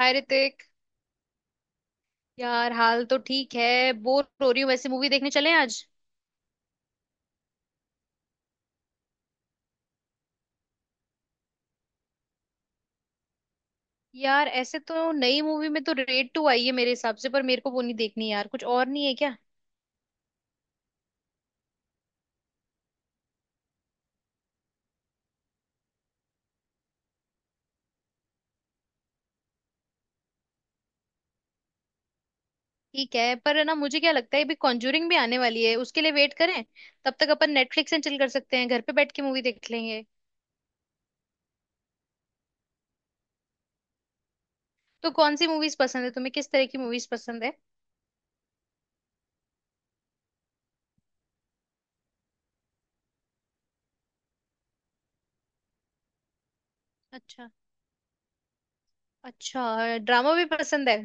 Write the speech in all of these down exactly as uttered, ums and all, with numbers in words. हाय ऋतिक। यार, हाल तो ठीक है। बोर हो रही हूँ वैसे। मूवी देखने चलें आज? यार ऐसे तो नई मूवी में तो रेड टू आई है मेरे हिसाब से, पर मेरे को वो नहीं देखनी यार। कुछ और नहीं है क्या? ठीक है। पर है ना, मुझे क्या लगता है अभी कॉन्जूरिंग भी आने वाली है, उसके लिए वेट करें। तब तक अपन नेटफ्लिक्स एंड चिल कर सकते हैं, घर पे बैठ के मूवी देख लेंगे। तो कौन सी मूवीज पसंद है तुम्हें? किस तरह की मूवीज पसंद है? अच्छा। अच्छा, ड्रामा भी पसंद है?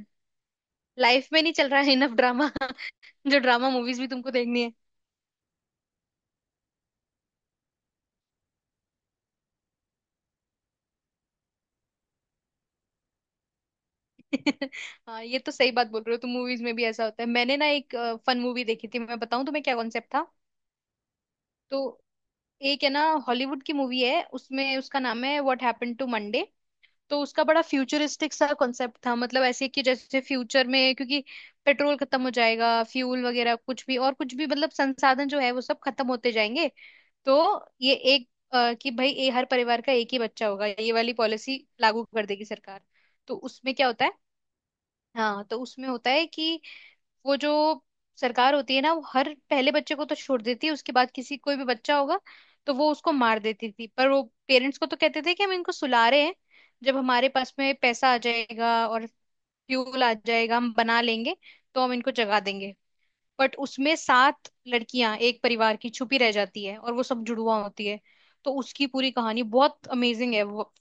लाइफ में नहीं चल रहा है इनफ ड्रामा। जो ड्रामा मूवीज भी तुमको देखनी है। हाँ, ये तो सही बात बोल रहे हो तुम। मूवीज में भी ऐसा होता है। मैंने ना एक फन मूवी देखी थी, मैं बताऊं तुम्हें क्या कॉन्सेप्ट था? तो एक है ना, हॉलीवुड की मूवी है, उसमें उसका नाम है व्हाट हैपन टू मंडे। तो उसका बड़ा फ्यूचरिस्टिक सा कॉन्सेप्ट था। मतलब ऐसे कि जैसे फ्यूचर में क्योंकि पेट्रोल खत्म हो जाएगा, फ्यूल वगैरह कुछ भी, और कुछ भी मतलब संसाधन जो है वो सब खत्म होते जाएंगे। तो ये एक अ, कि भाई, ये हर परिवार का एक ही बच्चा होगा, ये वाली पॉलिसी लागू कर देगी सरकार। तो उसमें क्या होता है। हाँ तो उसमें होता है कि वो जो सरकार होती है ना, वो हर पहले बच्चे को तो छोड़ देती है, उसके बाद किसी कोई भी बच्चा होगा तो वो उसको मार देती थी। पर वो पेरेंट्स को तो कहते थे कि हम इनको सुला रहे हैं, जब हमारे पास में पैसा आ जाएगा और फ्यूल आ जाएगा हम बना लेंगे, तो हम इनको जगा देंगे। बट उसमें सात लड़कियां एक परिवार की छुपी रह जाती है, और वो सब जुड़वा होती है। तो उसकी पूरी कहानी बहुत अमेजिंग है। वो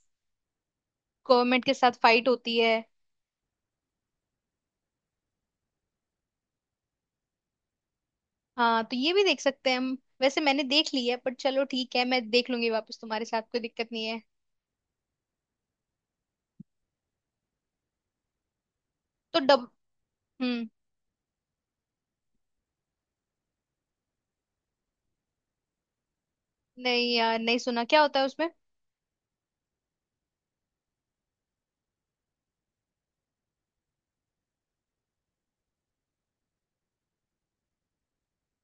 गवर्नमेंट के साथ फाइट होती है। हाँ, तो ये भी देख सकते हैं हम। वैसे मैंने देख ली है, पर चलो ठीक है, मैं देख लूंगी वापस तुम्हारे साथ, कोई दिक्कत नहीं है। तो डब। हम्म। नहीं यार, नहीं सुना। क्या होता है उसमें?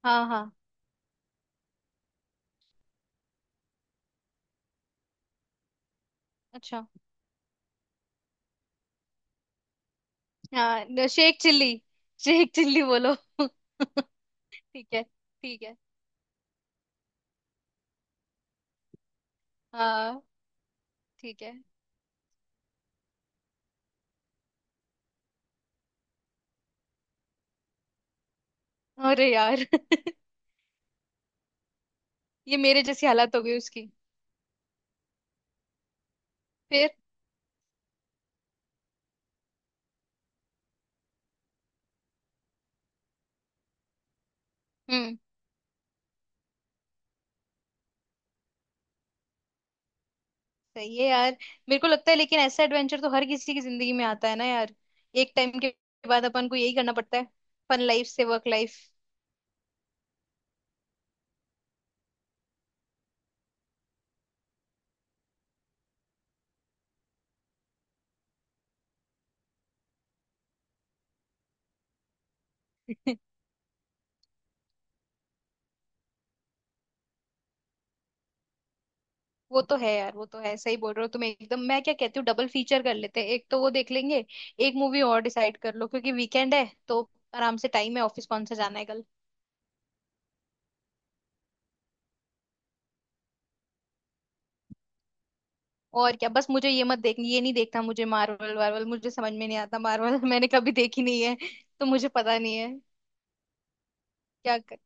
हाँ हाँ। अच्छा। हाँ, शेख चिल्ली, शेख चिल्ली बोलो। ठीक है, ठीक है। हाँ ठीक है। अरे यार ये मेरे जैसी हालत हो गई उसकी। फिर? हम्म। सही है यार। मेरे को लगता है, लेकिन ऐसा एडवेंचर तो हर किसी की जिंदगी में आता है ना यार। एक टाइम के बाद अपन को यही करना पड़ता है, फन लाइफ से वर्क लाइफ। वो तो है यार, वो तो है, सही बोल रहे हो तुम एकदम। मैं क्या कहती हूँ, डबल फीचर कर लेते हैं। एक तो वो देख लेंगे, एक मूवी और डिसाइड कर लो, क्योंकि वीकेंड है तो आराम से टाइम है, ऑफिस कौन सा जाना है कल। और क्या। बस मुझे ये मत देख, ये नहीं देखना मुझे, मार्वल वार्वल मुझे समझ में नहीं आता मार्वल। मैंने कभी देखी नहीं है, तो मुझे पता नहीं है। क्या कर...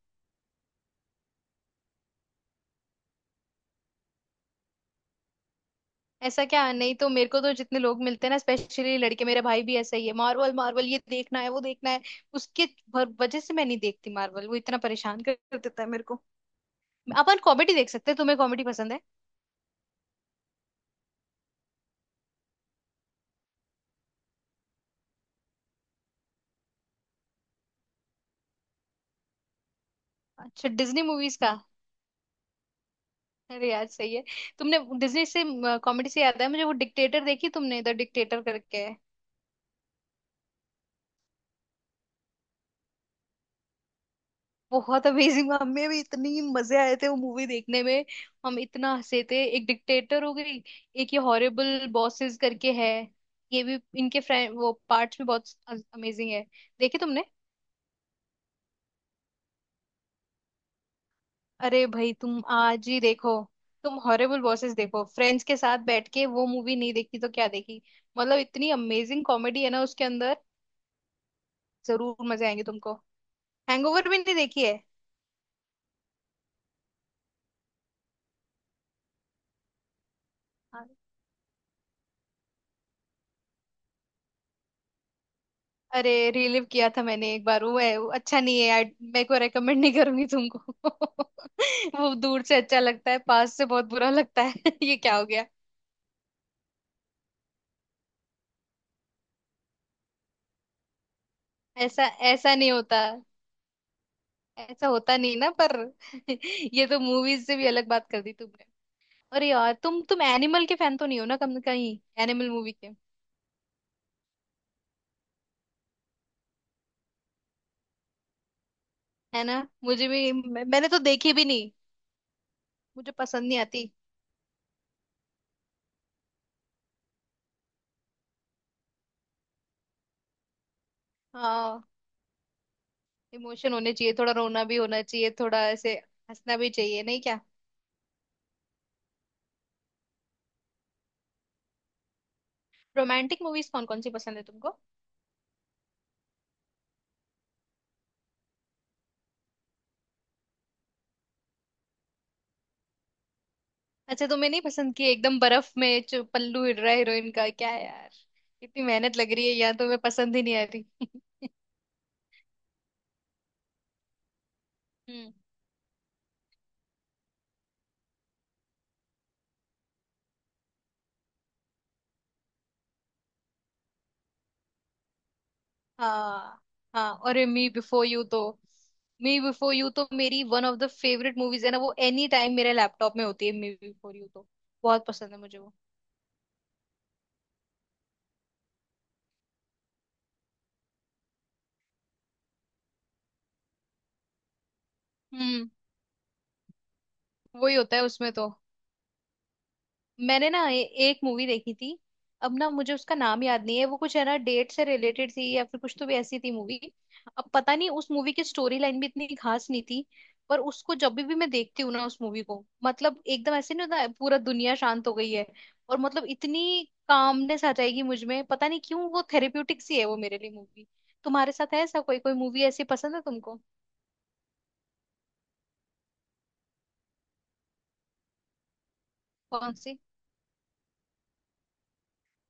ऐसा क्या! नहीं तो मेरे को तो जितने लोग मिलते हैं ना, स्पेशली लड़के, मेरे भाई भी ऐसा ही है, मार्वल मार्वल, ये देखना है वो देखना है। उसके भर- वजह से मैं नहीं देखती मार्वल, वो इतना परेशान कर कर देता है मेरे को। अपन कॉमेडी देख सकते हैं, तुम्हें कॉमेडी पसंद है? अच्छा, डिज्नी मूवीज का। अरे यार सही है। तुमने डिज्नी से, कॉमेडी से याद है मुझे, वो डिक्टेटर देखी तुमने, द डिक्टेटर करके है। बहुत अमेजिंग, हमें भी इतनी मजे आए थे वो मूवी देखने में। हम इतना हंसे थे। एक डिक्टेटर हो गई, एक ये हॉरिबल बॉसेस करके है, ये भी इनके फ्रेंड, वो पार्ट्स भी बहुत अमेजिंग है। देखी तुमने? अरे भाई तुम आज ही देखो, तुम हॉरिबल बॉसेस देखो फ्रेंड्स के साथ बैठ के, वो मूवी नहीं देखी तो क्या देखी। मतलब इतनी अमेजिंग कॉमेडी है ना उसके अंदर। जरूर मजे आएंगे तुमको। हैंगओवर भी नहीं देखी है? हाँ। अरे, रिलीव किया था मैंने एक बार, वो है, वो अच्छा नहीं है। I- मैं को रेकमेंड नहीं करूंगी तुमको। वो दूर से अच्छा लगता है, पास से बहुत बुरा लगता है। ये क्या हो गया। ऐसा ऐसा नहीं होता, ऐसा होता नहीं ना। पर ये तो मूवीज से भी अलग बात कर दी तुमने। अरे यार तुम तुम एनिमल के फैन तो नहीं हो ना कम कहीं, एनिमल मूवी के? है ना, मुझे भी मैं, मैंने तो देखी भी नहीं, मुझे पसंद नहीं आती। हाँ, इमोशन होने चाहिए, थोड़ा रोना भी होना चाहिए, थोड़ा ऐसे हंसना भी चाहिए, नहीं क्या? रोमांटिक मूवीज कौन कौन सी पसंद है तुमको? अच्छा, तुम्हें नहीं पसंद कि एकदम बर्फ में जो पल्लू हिल रहा है हीरोइन का, क्या है यार! इतनी मेहनत लग रही है यार, तुम्हें पसंद ही नहीं आ रही। हम्म। हाँ। हाँ, और मी बिफोर यू तो, मी बिफोर यू तो मेरी one of the favourite movies है ना, वो एनी टाइम मेरे लैपटॉप में होती है मी बिफोर यू तो। बहुत पसंद है मुझे वो। हम्म। वही होता है उसमें तो। मैंने ना ए, एक मूवी देखी थी। अब ना मुझे उसका नाम याद नहीं है, वो कुछ है ना डेट से रिलेटेड थी या फिर कुछ तो भी ऐसी थी मूवी। अब पता नहीं, उस मूवी की स्टोरी लाइन भी इतनी खास नहीं थी। पर उसको जब भी, भी मैं देखती हूँ ना उस मूवी को, मतलब एकदम ऐसे नहीं होता है, पूरा दुनिया शांत हो गई है। और मतलब इतनी कामनेस आ जाएगी मुझ में, पता नहीं क्यों, वो थेरेप्यूटिक सी है वो मेरे लिए मूवी। तुम्हारे साथ है ऐसा? कोई कोई मूवी ऐसी पसंद है तुमको? कौन सी?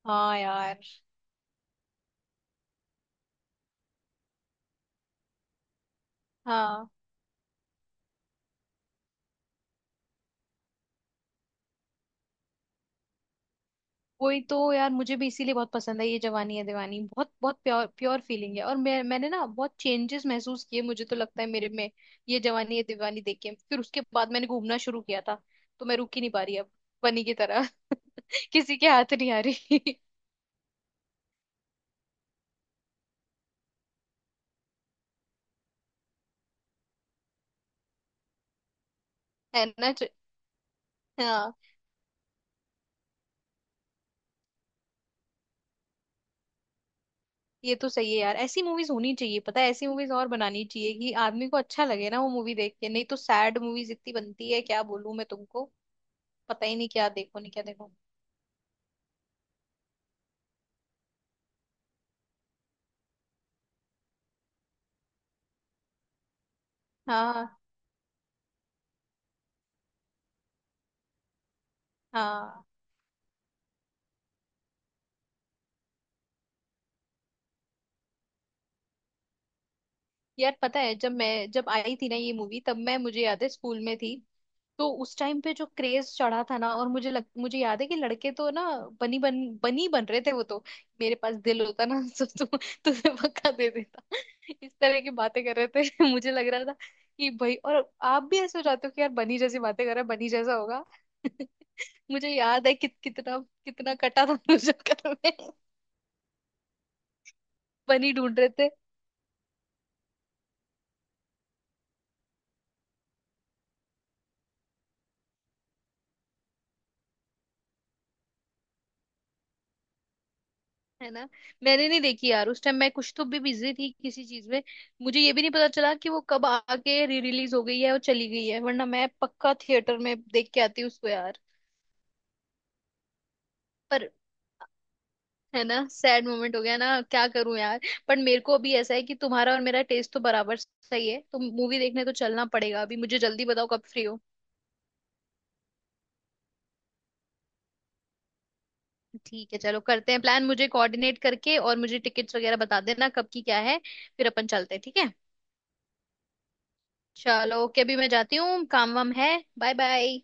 हाँ यार। हाँ। वही तो यार, मुझे भी इसीलिए बहुत पसंद है ये जवानी है दीवानी। बहुत बहुत प्योर प्योर फीलिंग है। और मैं मैंने ना बहुत चेंजेस महसूस किए, मुझे तो लगता है मेरे में, ये जवानी है दीवानी देख के। फिर उसके बाद मैंने घूमना शुरू किया था, तो मैं रुक ही नहीं पा रही अब, बनी की तरह। किसी के हाथ नहीं आ रही। है ना च- हाँ, ये तो सही है यार। ऐसी मूवीज होनी चाहिए। पता है, ऐसी मूवीज और बनानी चाहिए कि आदमी को अच्छा लगे ना वो मूवी देख के। नहीं तो सैड मूवीज इतनी बनती है, क्या बोलूं मैं तुमको। पता ही नहीं क्या देखो नहीं क्या देखो। हाँ हाँ। यार पता है, जब मैं जब आई थी ना ये मूवी, तब मैं, मुझे याद है स्कूल में थी। तो उस टाइम पे जो क्रेज चढ़ा था ना, और मुझे लग, मुझे याद है कि लड़के तो ना बनी बन बनी बन रहे थे वो तो। मेरे पास दिल होता ना तो तु, तुझे पक्का दे देता, इस तरह की बातें कर रहे थे। मुझे लग रहा था कि भाई, और आप भी ऐसे हो जाते हो कि यार, बनी जैसी बातें कर रहा है, बनी जैसा होगा। मुझे याद है कि, कितना कितना कटा था मुझे घर में, बनी ढूंढ रहे। है ना, मैंने नहीं देखी यार उस टाइम, मैं कुछ तो भी बिजी थी किसी चीज में। मुझे ये भी नहीं पता चला कि वो कब आके री रिलीज हो गई है और चली गई है, वरना मैं पक्का थिएटर में देख के आती उसको यार। पर है ना, सैड मोमेंट हो गया ना, क्या करूं यार। पर मेरे को अभी ऐसा है कि तुम्हारा और मेरा टेस्ट तो बराबर सही है, तो मूवी देखने तो चलना पड़ेगा। अभी मुझे जल्दी बताओ कब फ्री हो। ठीक है, चलो करते हैं प्लान। मुझे कोऑर्डिनेट करके और मुझे टिकट्स वगैरह बता देना कब की क्या है, फिर अपन चलते हैं, ठीक है? चलो ओके, अभी मैं जाती हूँ, काम वाम है। Bye bye.